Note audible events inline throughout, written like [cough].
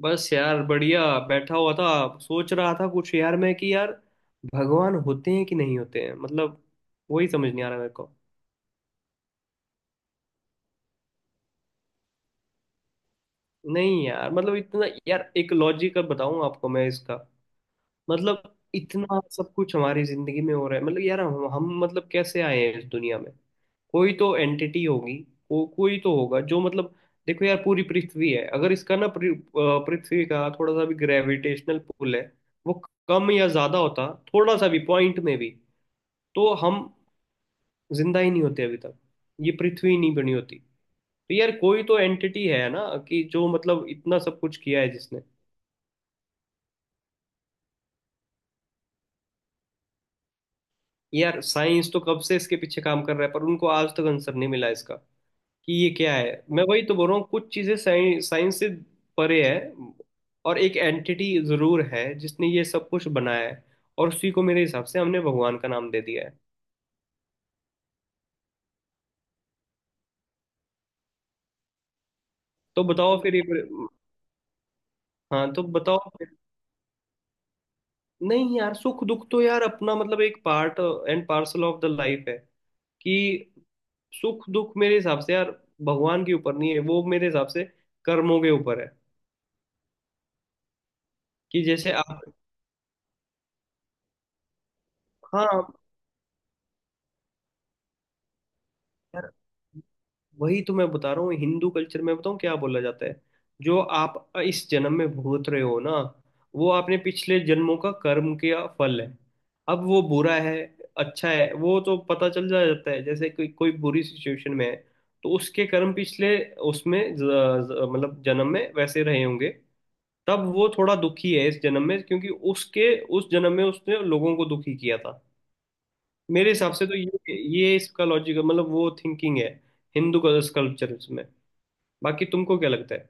बस यार बढ़िया। बैठा हुआ था। सोच रहा था कुछ यार मैं कि यार भगवान होते हैं कि नहीं होते हैं मतलब वही समझ नहीं आ रहा मेरे को। नहीं यार मतलब इतना यार एक लॉजिकल बताऊं आपको मैं इसका। मतलब इतना सब कुछ हमारी जिंदगी में हो रहा है मतलब यार हम मतलब कैसे आए हैं इस दुनिया में। कोई तो एंटिटी होगी। कोई तो होगा जो मतलब। देखो यार पूरी पृथ्वी है अगर इसका ना पृथ्वी का थोड़ा सा भी ग्रेविटेशनल पुल है वो कम या ज्यादा होता थोड़ा सा भी पॉइंट में भी तो हम जिंदा ही नहीं होते अभी तक। ये पृथ्वी नहीं बनी होती। तो यार कोई तो एंटिटी है ना कि जो मतलब इतना सब कुछ किया है जिसने। यार साइंस तो कब से इसके पीछे काम कर रहा है पर उनको आज तक आंसर नहीं मिला इसका कि ये क्या है। मैं वही तो बोल रहा हूँ कुछ चीजें साइंस साइंस से परे है। और एक एंटिटी जरूर है जिसने ये सब कुछ बनाया है। और उसी को मेरे हिसाब से हमने भगवान का नाम दे दिया है। तो बताओ फिर ये। हाँ तो बताओ। नहीं यार सुख दुख तो यार अपना मतलब एक part and parcel of the life है कि सुख दुख मेरे हिसाब से यार भगवान के ऊपर नहीं है वो मेरे हिसाब से कर्मों के ऊपर है। कि जैसे आप। हाँ यार वही तो मैं बता रहा हूँ हिंदू कल्चर में बताऊँ क्या बोला जाता है। जो आप इस जन्म में भोग रहे हो ना वो आपने पिछले जन्मों का कर्म का फल है। अब वो बुरा है अच्छा है वो तो पता चल जा जाता है जैसे कोई कोई बुरी सिचुएशन में है तो उसके कर्म पिछले उसमें ज, ज, मतलब जन्म में वैसे रहे होंगे। तब वो थोड़ा दुखी है इस जन्म में क्योंकि उसके उस जन्म में उसने लोगों को दुखी किया था। मेरे हिसाब से तो ये इसका लॉजिक मतलब वो थिंकिंग है हिंदू कल्चर में। बाकी तुमको क्या लगता है।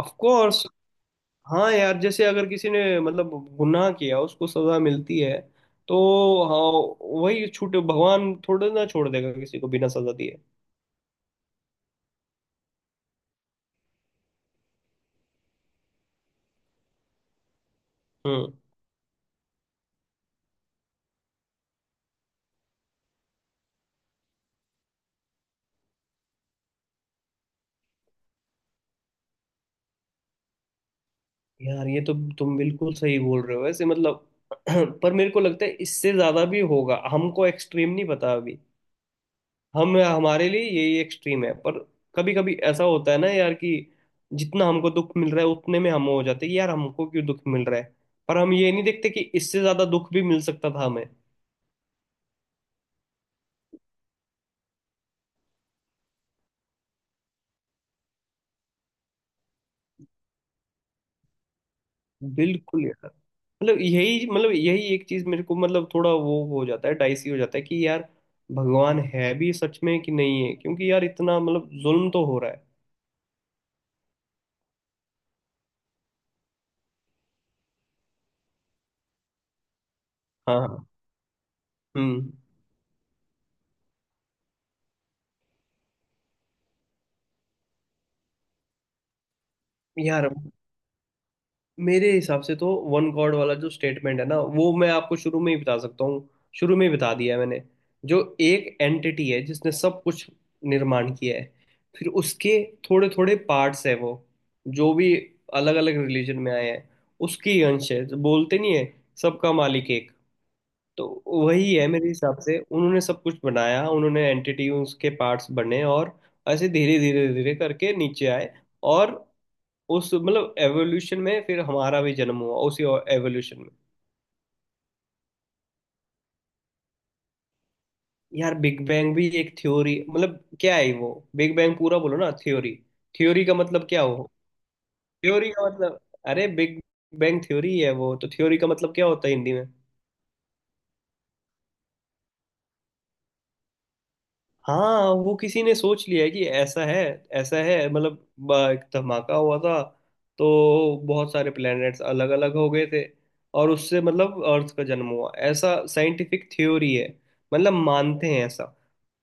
Of course. हाँ यार जैसे अगर किसी ने मतलब गुनाह किया उसको सजा मिलती है तो। हाँ वही छूट भगवान थोड़े ना छोड़ देगा किसी को बिना सजा दिए। हम्म। यार ये तो तुम बिल्कुल सही बोल रहे हो वैसे मतलब [clears throat] पर मेरे को लगता है इससे ज्यादा भी होगा हमको एक्सट्रीम नहीं पता अभी। हम हमारे लिए यही एक्सट्रीम है पर कभी कभी ऐसा होता है ना यार कि जितना हमको दुख मिल रहा है उतने में हम हो जाते हैं कि यार हमको क्यों दुख मिल रहा है। पर हम ये नहीं देखते कि इससे ज्यादा दुख भी मिल सकता था हमें। बिल्कुल यार मतलब यही एक चीज मेरे को मतलब थोड़ा वो हो जाता है डाइसी हो जाता है कि यार भगवान है भी सच में कि नहीं है क्योंकि यार इतना मतलब जुल्म तो हो रहा है। हाँ हाँ। हम्म। यार मेरे हिसाब से तो वन गॉड वाला जो स्टेटमेंट है ना वो मैं आपको शुरू में ही बता सकता हूँ। शुरू में ही बता दिया है मैंने। जो एक एंटिटी है जिसने सब कुछ निर्माण किया है फिर उसके थोड़े थोड़े पार्ट्स है वो जो भी अलग अलग रिलीजन में आए हैं उसकी ही अंश है जो बोलते नहीं है सबका मालिक एक। तो वही है मेरे हिसाब से उन्होंने सब कुछ बनाया उन्होंने एंटिटी उसके पार्ट्स बने। और ऐसे धीरे धीरे धीरे करके नीचे आए। और उस मतलब एवोल्यूशन में फिर हमारा भी जन्म हुआ उसी एवोल्यूशन में। यार बिग बैंग भी एक थ्योरी मतलब क्या है वो। बिग बैंग पूरा बोलो ना थ्योरी। थ्योरी का मतलब क्या हो। थ्योरी का मतलब। अरे बिग बैंग थ्योरी है वो तो। थ्योरी का मतलब क्या होता है हिंदी में। हाँ वो किसी ने सोच लिया है कि ऐसा है। ऐसा है मतलब एक धमाका हुआ था तो बहुत सारे प्लैनेट्स अलग अलग हो गए थे और उससे मतलब अर्थ का जन्म हुआ ऐसा साइंटिफिक थ्योरी है। मतलब मानते हैं ऐसा।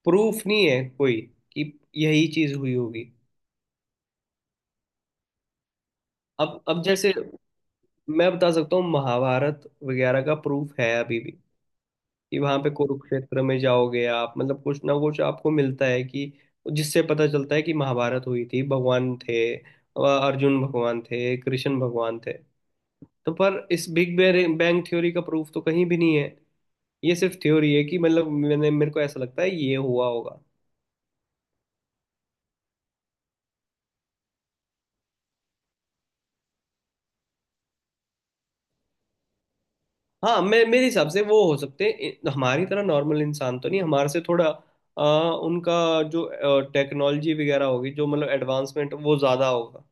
प्रूफ नहीं है कोई कि यही चीज हुई होगी। अब जैसे मैं बता सकता हूँ महाभारत वगैरह का प्रूफ है अभी भी। कि वहां पे कुरुक्षेत्र में जाओगे आप मतलब कुछ ना कुछ आपको मिलता है कि जिससे पता चलता है कि महाभारत हुई थी भगवान थे अर्जुन भगवान थे कृष्ण भगवान थे। तो पर इस बिग बैंग थ्योरी का प्रूफ तो कहीं भी नहीं है। ये सिर्फ थ्योरी है कि मतलब मैंने मेरे को ऐसा लगता है ये हुआ होगा। हाँ मैं मेरे हिसाब से वो हो सकते हैं हमारी तरह नॉर्मल इंसान तो नहीं हमारे से थोड़ा अ, उनका जो टेक्नोलॉजी वगैरह होगी जो मतलब एडवांसमेंट वो ज़्यादा होगा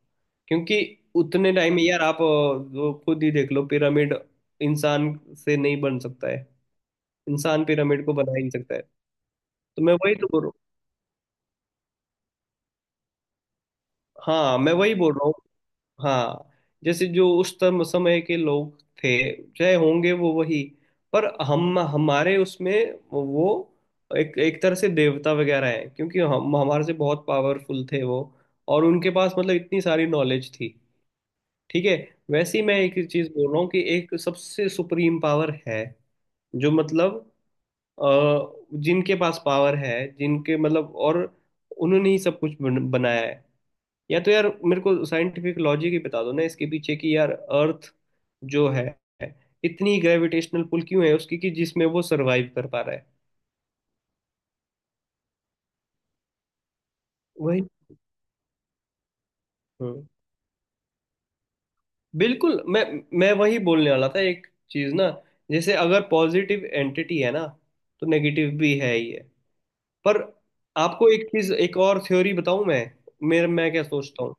क्योंकि उतने टाइम में यार आप वो खुद ही देख लो पिरामिड इंसान से नहीं बन सकता है। इंसान पिरामिड को बना ही नहीं सकता है। तो मैं वही तो बोल रहा हूँ। हाँ मैं वही बोल रहा हूँ। हाँ जैसे जो उस समय के लोग थे चाहे होंगे वो वही। पर हम हमारे उसमें वो एक एक तरह से देवता वगैरह है क्योंकि हम हमारे से बहुत पावरफुल थे वो। और उनके पास मतलब इतनी सारी नॉलेज थी। ठीक है। वैसे ही मैं एक ही चीज बोल रहा हूँ कि एक सबसे सुप्रीम पावर है जो मतलब अ, जिनके पास पावर है जिनके मतलब और उन्होंने ही सब कुछ बनाया है। या तो यार मेरे को साइंटिफिक लॉजिक ही बता दो ना इसके पीछे कि यार अर्थ जो है इतनी ग्रेविटेशनल पुल क्यों है उसकी कि जिसमें वो सरवाइव कर पा रहा है। वही। हम्म। बिल्कुल। मैं वही बोलने वाला था एक चीज ना। जैसे अगर पॉजिटिव एंटिटी है ना तो नेगेटिव भी है ही है पर आपको एक चीज एक और थ्योरी बताऊं मैं मेरे मैं क्या सोचता हूँ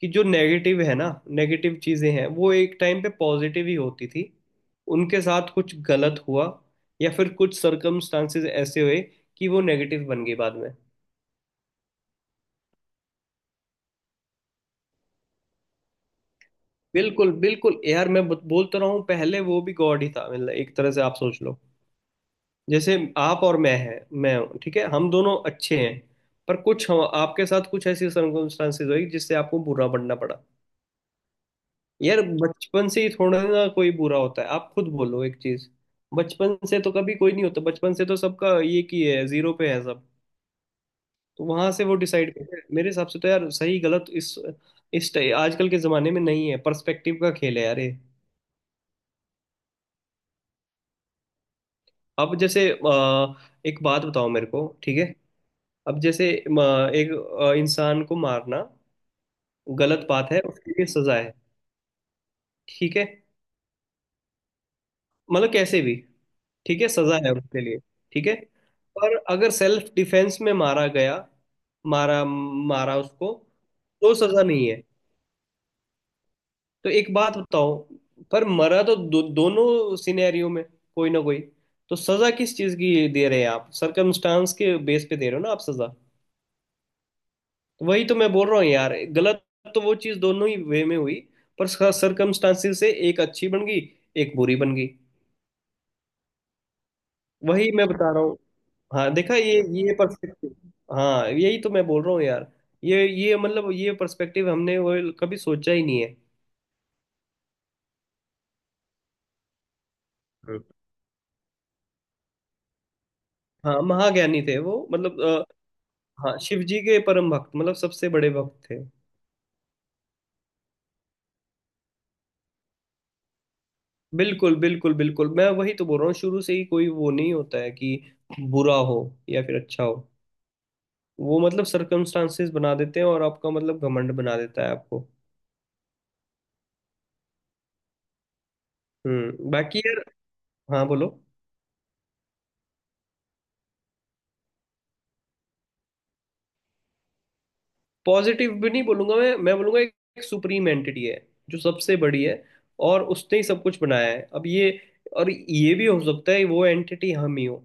कि जो नेगेटिव है ना नेगेटिव चीजें हैं वो एक टाइम पे पॉजिटिव ही होती थी। उनके साथ कुछ गलत हुआ या फिर कुछ सर्कमस्टांसेस ऐसे हुए कि वो नेगेटिव बन गई बाद में। बिल्कुल बिल्कुल यार मैं बोलता रहा हूँ पहले वो भी गॉड ही था मतलब एक तरह से आप सोच लो। जैसे आप और मैं हैं मैं हूँ ठीक है हम दोनों अच्छे हैं पर कुछ आपके साथ कुछ ऐसी सर्कमस्टांसेस हुई जिससे आपको बुरा बनना पड़ा। यार बचपन से ही थोड़ा ना कोई बुरा होता है आप खुद बोलो एक चीज। बचपन से तो कभी कोई नहीं होता बचपन से तो सबका ये की है जीरो पे है सब। तो वहां से वो डिसाइड करते हैं मेरे हिसाब से तो यार सही गलत इस आजकल के जमाने में नहीं है पर्सपेक्टिव का खेल है यार ये। अब जैसे एक बात बताओ मेरे को ठीक है। अब जैसे एक इंसान को मारना गलत बात है उसके लिए सजा है ठीक है। मतलब कैसे भी। ठीक है सजा है उसके लिए ठीक है। पर अगर सेल्फ डिफेंस में मारा गया मारा मारा उसको तो सजा नहीं है। तो एक बात बताओ पर मरा तो दोनों सिनेरियो में कोई ना कोई। तो सजा किस चीज की दे रहे हैं आप सरकमस्टांस के बेस पे दे रहे हो ना आप सजा। तो वही तो मैं बोल रहा हूँ यार गलत तो वो चीज दोनों ही वे में हुई पर सरकमस्टांसेस से एक अच्छी बन गई एक बुरी बन गई। वही मैं बता रहा हूँ। हाँ देखा ये पर्सपेक्टिव। हाँ यही तो मैं बोल रहा हूँ यार ये मतलब ये पर्सपेक्टिव हमने वो कभी सोचा ही नहीं है। हम्म। हाँ महाज्ञानी थे वो मतलब हाँ शिव जी के परम भक्त मतलब सबसे बड़े भक्त थे। बिल्कुल बिल्कुल बिल्कुल मैं वही तो बोल रहा हूँ शुरू से ही कोई वो नहीं होता है कि बुरा हो या फिर अच्छा हो। वो मतलब सर्कमस्टांसेस बना देते हैं और आपका मतलब घमंड बना देता है आपको। बाकी यार। हाँ बोलो। पॉजिटिव भी नहीं बोलूंगा मैं बोलूंगा एक सुप्रीम एंटिटी है जो सबसे बड़ी है और उसने ही सब कुछ बनाया है अब ये। और ये भी हो सकता है वो एंटिटी हम ही हो।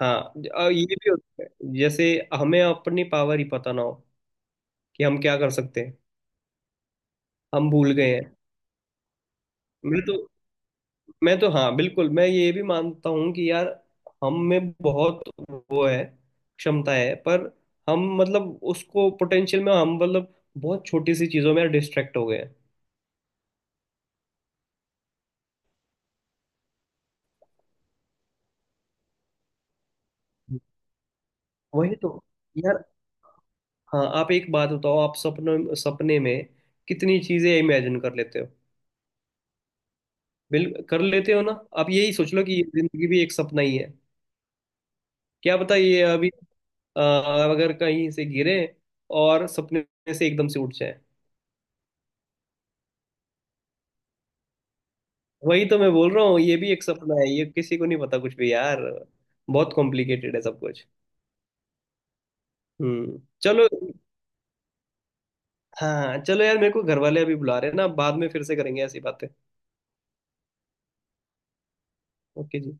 हाँ ये भी हो सकता है जैसे हमें अपनी पावर ही पता ना हो कि हम क्या कर सकते हैं। हम भूल गए हैं। मैं तो मैं तो हाँ बिल्कुल मैं ये भी मानता हूँ कि यार हम में बहुत वो है क्षमता है पर हम मतलब उसको पोटेंशियल में हम मतलब बहुत छोटी सी चीजों में डिस्ट्रैक्ट हो गए हैं। वही तो यार। हाँ आप एक बात बताओ आप सपनों सपने में कितनी चीजें इमेजिन कर लेते हो। बिल कर लेते हो ना। आप यही सोच लो कि ये जिंदगी भी एक सपना ही है। क्या पता ये अभी अगर कहीं से गिरे और सपने से एकदम से उठ जाए। वही तो मैं बोल रहा हूँ ये भी एक सपना है ये किसी को नहीं पता कुछ भी यार बहुत कॉम्प्लिकेटेड है सब कुछ। चलो। हाँ चलो यार मेरे को घर वाले अभी बुला रहे हैं ना बाद में फिर से करेंगे ऐसी बातें। ओके जी।